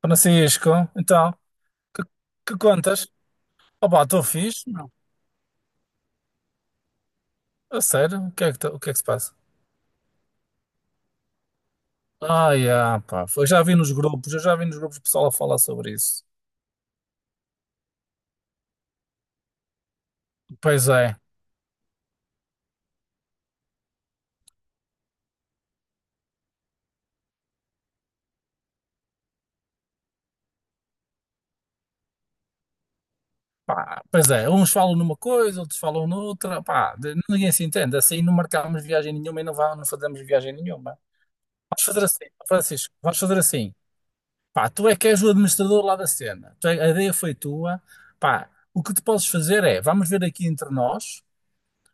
Francisco, então, que, que contas? Opa, estou fixe, não. A sério? O que é que se passa? Ah, yeah, pá, eu já vi nos grupos o pessoal a falar sobre isso. Pois é, pá, pois é, uns falam numa coisa, outros falam noutra, pá, ninguém se entende, assim não marcámos viagem nenhuma e não, vá, não fazemos viagem nenhuma. Vamos fazer assim, Francisco, vamos fazer assim, pá, tu é que és o administrador lá da cena, a ideia foi tua, pá, o que tu podes fazer é, vamos ver aqui entre nós,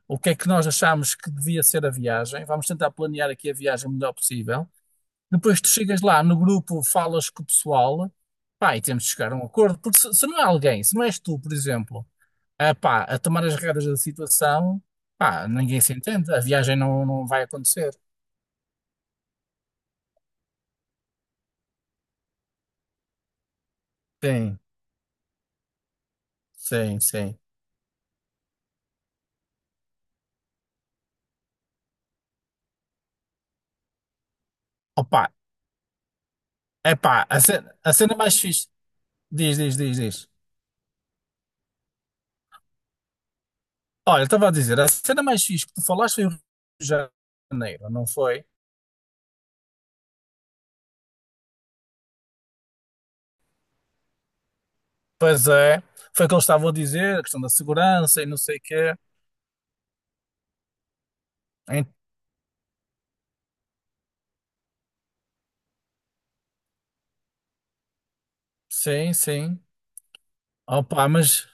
o que é que nós achamos que devia ser a viagem, vamos tentar planear aqui a viagem o melhor possível. Depois tu chegas lá no grupo, falas com o pessoal, pá, e temos de chegar a um acordo, porque se não é alguém, se não és tu, por exemplo, a, pá, a tomar as regras da situação, pá, ninguém se entende, a viagem não vai acontecer. Sim, sim, sim. Opa, é pá, a cena mais fixe, diz, diz, diz, diz. Olha, estava a dizer, a cena mais fixe que tu falaste foi o Rio de Janeiro, não foi? Pois é, foi o que eles estavam a dizer, a questão da segurança e não sei o quê. Em- Sim, sim. Opa, mas,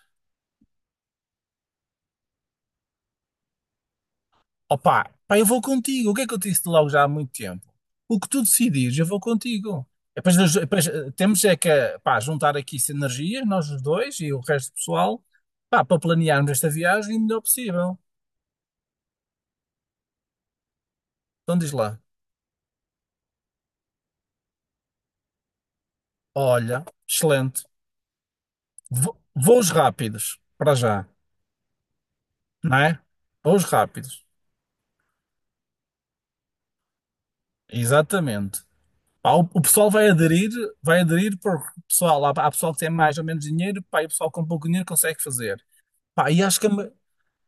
opa, pá, eu vou contigo. O que é que eu te disse logo já há muito tempo? O que tu decidires, eu vou contigo. E depois, temos é que pá, juntar aqui sinergias, nós os dois e o resto do pessoal, pá, para planearmos esta viagem o melhor possível. Então diz lá, olha, excelente. Voos rápidos, para já, não é? Voos rápidos, exatamente. Pá, o pessoal vai aderir porque o pessoal, há pessoal que tem mais ou menos dinheiro, pá, e o pessoal com pouco dinheiro consegue fazer. Pá, e acho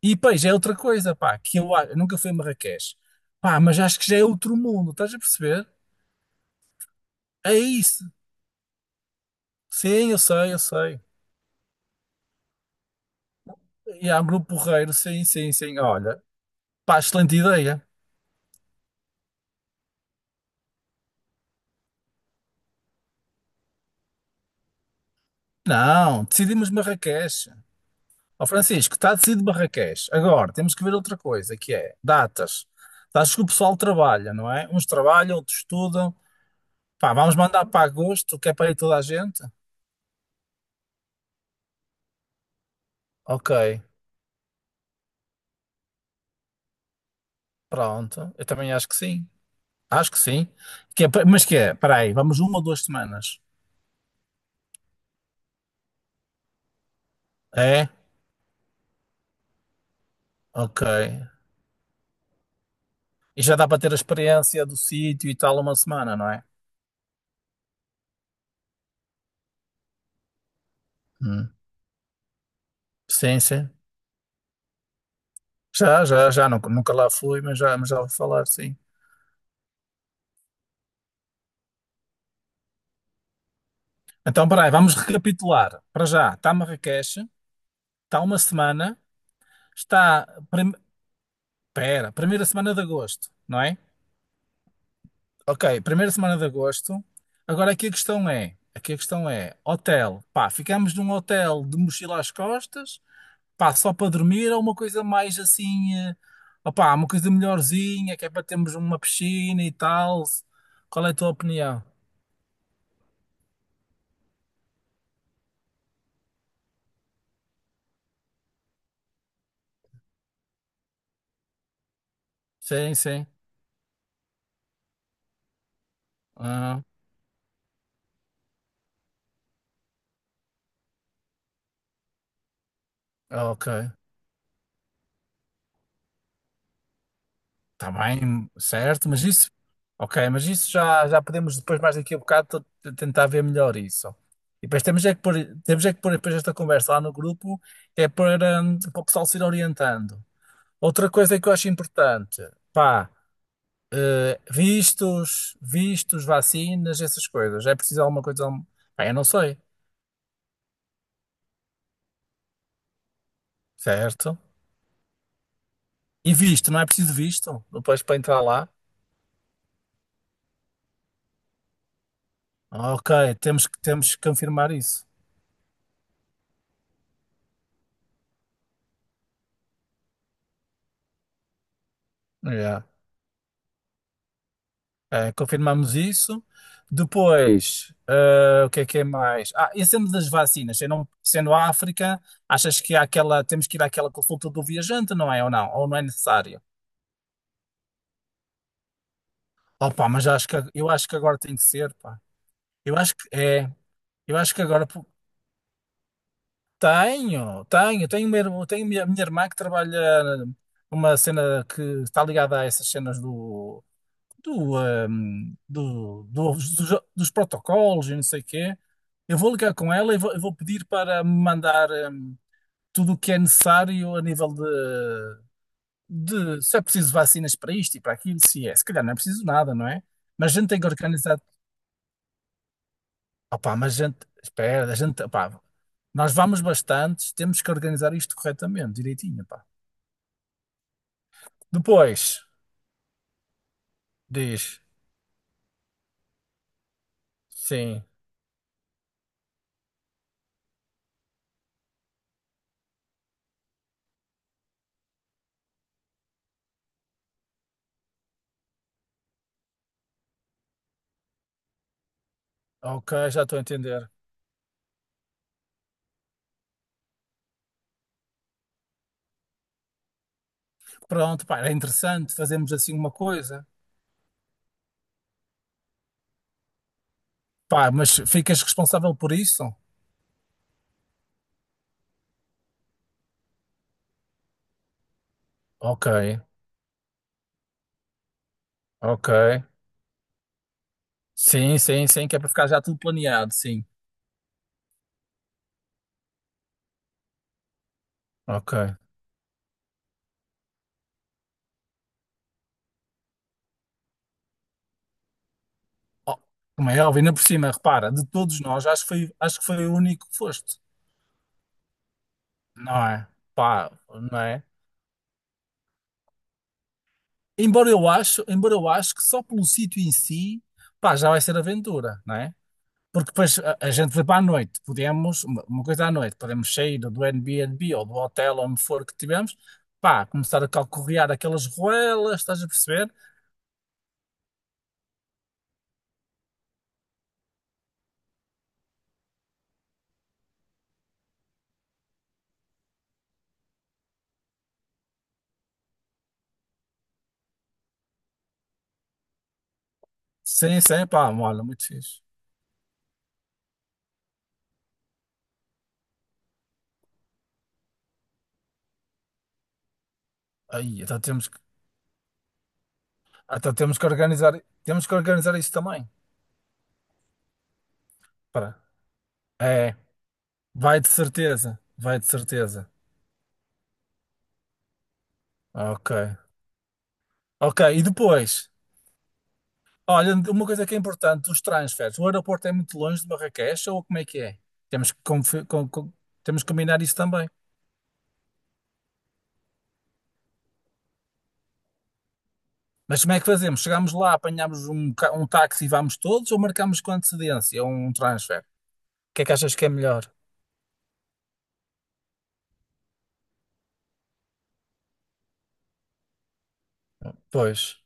e pois é outra coisa, pá, eu nunca fui a Marrakech. Pá, mas acho que já é outro mundo, estás a perceber? É isso. Sim, eu sei, eu sei. E há um grupo porreiro, sim, sim, sim. Olha, pá, excelente ideia. Não, decidimos Marrakech. Ó Francisco, está decidido Barraqués. Agora, temos que ver outra coisa, que é datas. Datas que o pessoal trabalha, não é? Uns trabalham, outros estudam. Pá, vamos mandar para agosto, que é para ir toda a gente? Ok, pronto. Eu também acho que sim. Acho que sim. Que é pa- mas que é? Espera aí, vamos uma ou duas semanas? É? Ok. E já dá para ter a experiência do sítio e tal uma semana, não é? Hum. Sim, sim. Já, já, já. Nunca, nunca lá fui, mas já vou falar, sim. Então, peraí, vamos recapitular. Para já, está Marrakech, está uma semana, está. Pera, primeira semana de agosto, não é? Ok, primeira semana de agosto. Agora aqui a questão é: aqui a questão é, hotel, pá, ficamos num hotel de mochila às costas, pá, só para dormir ou uma coisa mais assim, eh, opá, uma coisa melhorzinha, que é para termos uma piscina e tal. Qual é a tua opinião? Sim, sim. Ah, ok. Está bem, certo, mas isso, ok, mas isso já, já podemos depois mais daqui a bocado tentar ver melhor isso. E depois temos é que pôr depois esta conversa lá no grupo, que é para, para o pessoal se ir orientando. Outra coisa que eu acho importante, pá, eh, vistos, vacinas, essas coisas. É preciso alguma coisa, pá, eu não sei, certo? E visto, não é preciso visto? Depois para entrar lá? Ok, temos que confirmar isso. Yeah. Confirmamos isso. Depois, o que é mais? Ah, e sendo das vacinas, sendo a África, achas que há aquela, temos que ir àquela consulta do viajante, não é? Ou não? Ou não é necessário? Opa, mas acho que, eu acho que agora tem que ser, pá. Eu acho que é. Eu acho que agora po- tenho, tenho a minha irmã que trabalha numa cena que está ligada a essas cenas dos, dos protocolos e não sei o quê. Eu vou ligar com ela e vou, eu vou pedir para me mandar tudo o que é necessário a nível de se é preciso vacinas para isto e para aquilo, se é. Se calhar não é preciso nada, não é? Mas a gente tem que organizar. Opá, mas a gente, espera, a gente, opá, nós vamos bastantes, temos que organizar isto corretamente, direitinho, pá. Depois, diz, sim, ok, já estou a entender. Pronto, pá, era interessante fazermos assim uma coisa. Pá, mas ficas responsável por isso? Ok, ok. Sim, sim, sim, que é para ficar já tudo planeado, sim. Ok. Oh, como é óbvio, ainda por cima, repara, de todos nós, acho que foi o único que foste. Não é? Pá, não é? Embora eu acho que só pelo sítio em si, pá, já vai ser aventura, não é? Porque depois a gente vai para a noite, podemos, uma coisa à noite, podemos sair do Airbnb ou do hotel onde for que tivemos, pá, começar a calcorrear aquelas ruelas, estás a perceber? Sim, sim, pá, olha, muito fixe. Aí, então temos que organizar isso também. Espera. É, vai de certeza, vai de certeza. Ok. Ok, e depois? Olha, uma coisa que é importante, os transfers. O aeroporto é muito longe de Marrakech ou como é que é? Temos que, confi- com- com- temos que combinar isso também. Mas como é que fazemos? Chegamos lá, apanhamos um táxi e vamos todos ou marcamos com antecedência um transfer? O que é que achas que é melhor? Pois.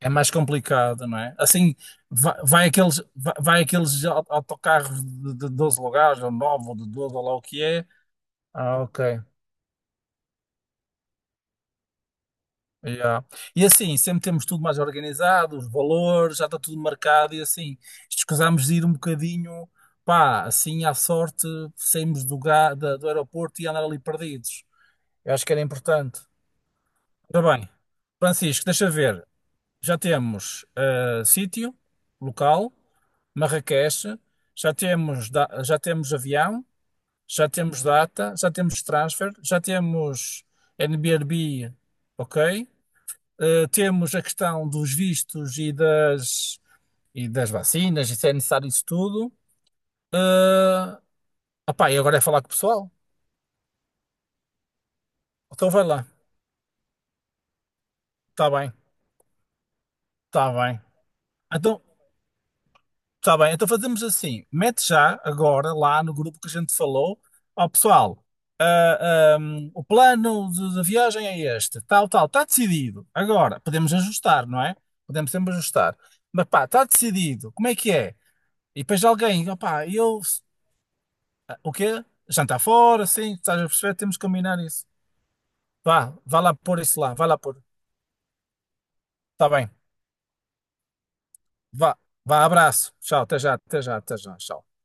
É mais complicado, não é? Assim, vai autocarros de 12 lugares, ou 9, ou de 12, ou lá o que é. Ah, ok. Yeah. E assim, sempre temos tudo mais organizado, os valores, já está tudo marcado e assim, escusamos de ir um bocadinho, pá, assim à sorte, saímos do aeroporto e andar ali perdidos. Eu acho que era importante. Ora bem, Francisco, deixa ver. Já temos eh, sítio, local, Marrakech, já temos avião, já temos data, já temos transfer, já temos Airbnb, ok? Eh, temos a questão dos vistos e das vacinas, e se é necessário isso tudo. Eh, opá, e agora é falar com o pessoal? Então vai lá, está bem, está bem. Então, está bem, então fazemos assim: mete já agora lá no grupo que a gente falou. Ó pessoal, ah, o plano da viagem é este, tal, tal, está decidido. Agora, podemos ajustar, não é? Podemos sempre ajustar. Mas pá, está decidido, como é que é? E depois alguém, opá, eu. Ah, o quê? Jantar fora, sim, estás a perceber? Temos que combinar isso. Vá, vá lá pôr isso lá, vá lá pôr. Está bem, vá, vá, abraço. Tchau, até já, até já, até já, tchau.